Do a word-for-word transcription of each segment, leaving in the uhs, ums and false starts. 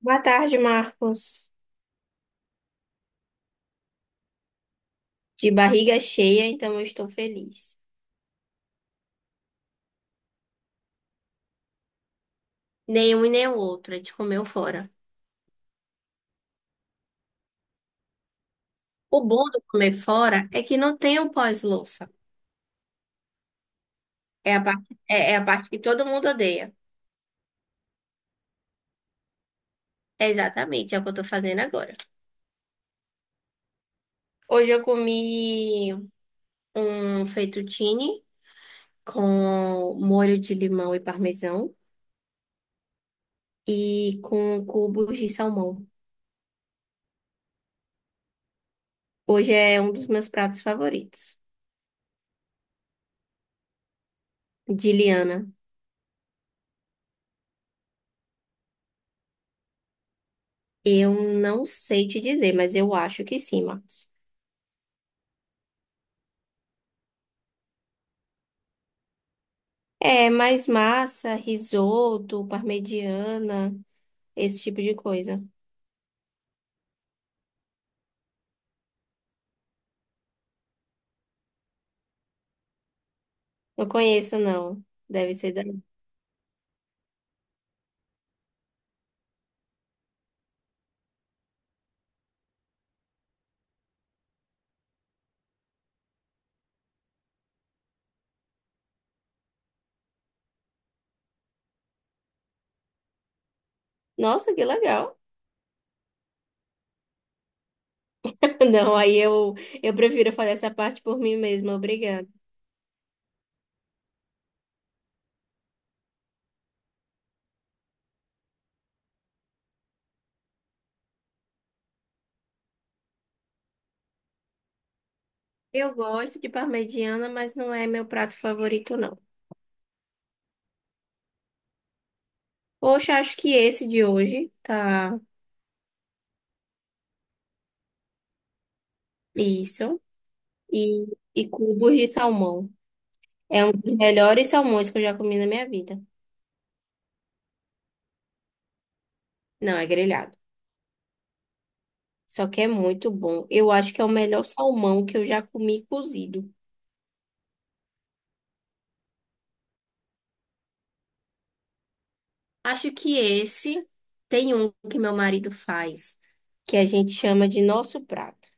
Boa tarde, Marcos. De barriga cheia, então eu estou feliz. Nenhum e nem o outro, a gente comeu fora. O bom do comer fora é que não tem o pós-louça. É a parte, é, é a parte que todo mundo odeia. É exatamente, é o que eu estou fazendo agora. Hoje eu comi um fettuccine com molho de limão e parmesão e com cubos de salmão. Hoje é um dos meus pratos favoritos, de Liana. Eu não sei te dizer, mas eu acho que sim, Marcos. É, mais massa, risoto, parmegiana, esse tipo de coisa. Não conheço, não. Deve ser da... Nossa, que legal. Não, aí eu, eu prefiro fazer essa parte por mim mesma, obrigada. Eu gosto de parmegiana, mas não é meu prato favorito, não. Poxa, acho que esse de hoje tá isso. E, e cubos de salmão. É um dos melhores salmões que eu já comi na minha vida. Não, é grelhado. Só que é muito bom. Eu acho que é o melhor salmão que eu já comi cozido. Acho que esse tem um que meu marido faz, que a gente chama de nosso prato.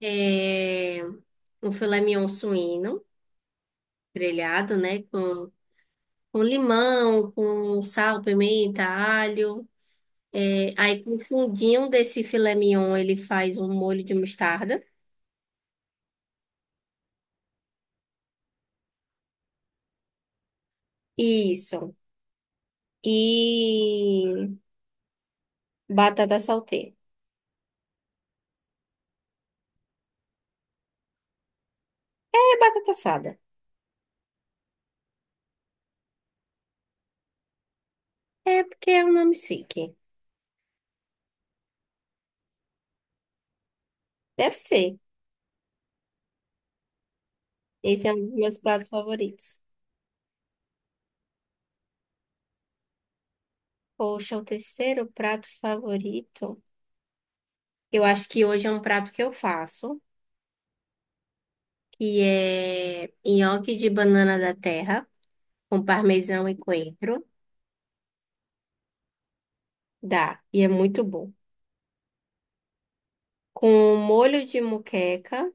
É um filé mignon suíno, grelhado, né? Com, com limão, com sal, pimenta, alho. É, aí com o fundinho desse filé mignon, ele faz um molho de mostarda. Isso. E batata salteira. É batata assada. É porque é um nome chique. Deve ser. Esse é um dos meus pratos favoritos. Poxa, o terceiro prato favorito. Eu acho que hoje é um prato que eu faço, que é nhoque de banana da terra, com parmesão e coentro. Dá, e é muito bom. Com molho de moqueca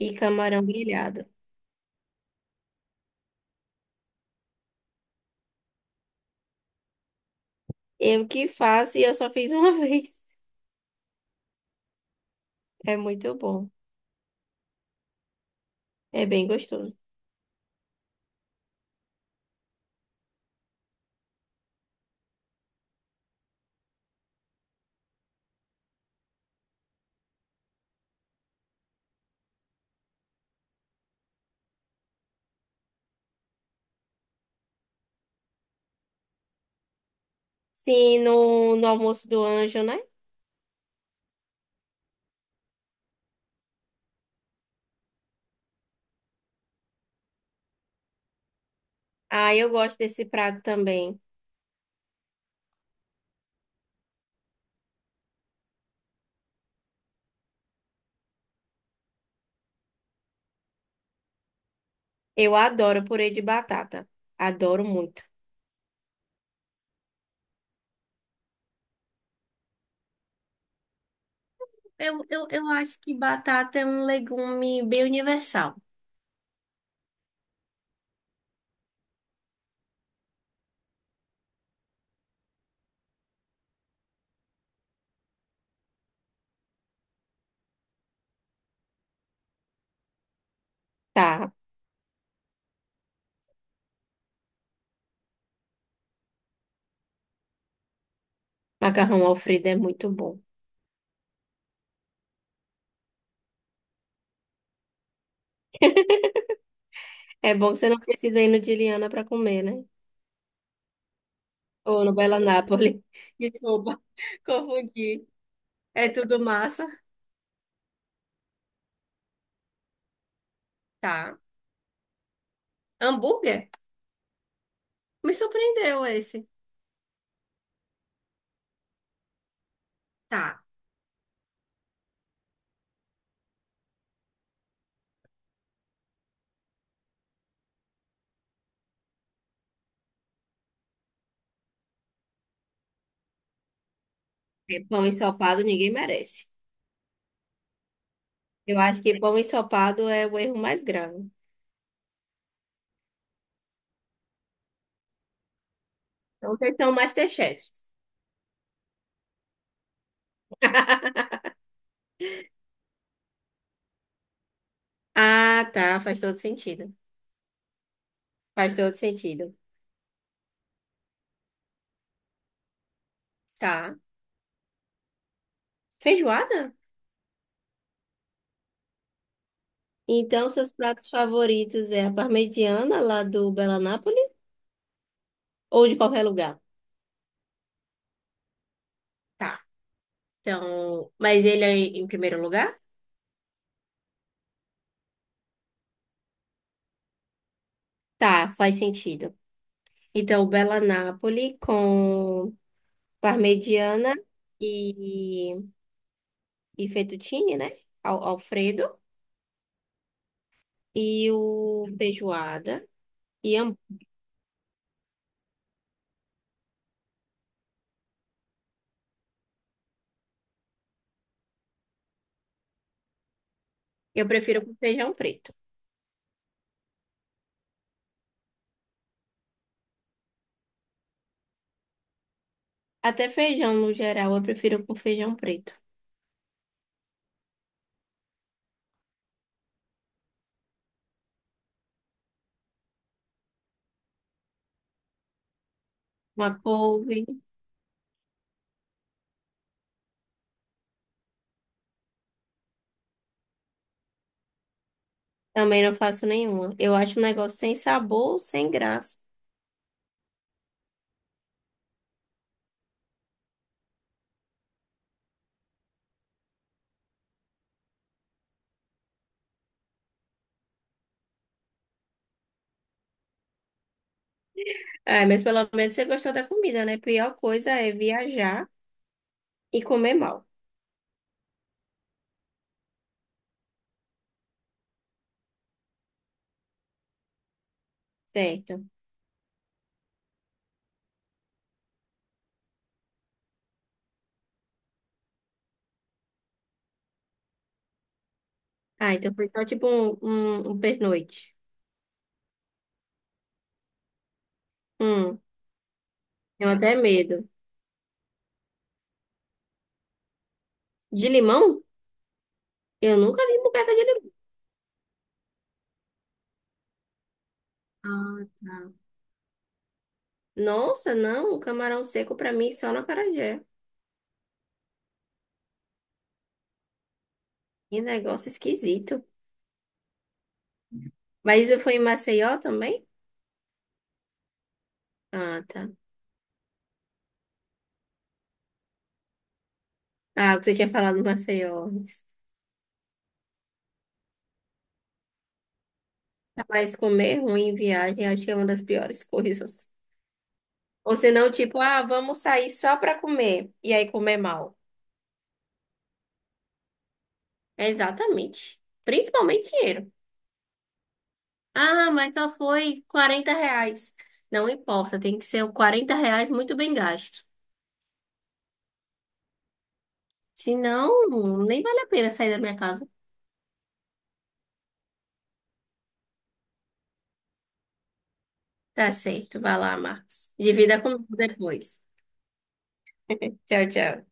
e camarão grelhado. Eu que faço e eu só fiz uma vez. É muito bom. É bem gostoso. Sim, no, no almoço do anjo, né? Ah, eu gosto desse prato também. Eu adoro purê de batata. Adoro muito. Eu, eu, eu acho que batata é um legume bem universal. Tá. Macarrão Alfredo é muito bom. É bom que você não precisa ir no de Liana para comer, né? Ou no Bela Nápoles. Desculpa, confundi. É tudo massa. Tá. Hambúrguer? Me surpreendeu esse. Tá. É, pão ensopado ninguém merece. Eu acho que pão ensopado é o erro mais grave. Então, vocês são Masterchefs. Ah, tá. Faz todo sentido. Faz todo sentido. Tá. Feijoada? Então, seus pratos favoritos é a parmegiana lá do Bela Napoli ou de qualquer lugar? Tá. Então, mas ele é em primeiro lugar? Tá, faz sentido. Então, Bela Napoli com parmegiana e, e fettuccine, né? Al- Alfredo. E o feijoada. E hambú- eu prefiro com feijão preto. Até feijão, no geral, eu prefiro com feijão preto. Uma couve. Também não faço nenhuma. Eu acho um negócio sem sabor, sem graça. Ah, mas pelo menos você gostou da comida, né? Pior coisa é viajar e comer mal, certo? Ah, então foi só tipo um, um, um pernoite. Hum, tenho até medo. De limão? Eu nunca vi bucata de limão. Ah, tá. Nossa, não, camarão seco pra mim só no acarajé. Que negócio esquisito. Mas isso foi em Maceió também? Ah, tá. Ah, o que você tinha falado em Maceió. Mas comer ruim em viagem acho que é uma das piores coisas. Ou senão, tipo, ah, vamos sair só pra comer. E aí comer mal. É exatamente. Principalmente dinheiro. Ah, mas só foi quarenta reais. Não importa, tem que ser o quarenta reais muito bem gasto. Senão, nem vale a pena sair da minha casa. Tá certo, vai lá, Marcos. Divida comigo depois. Tchau, tchau.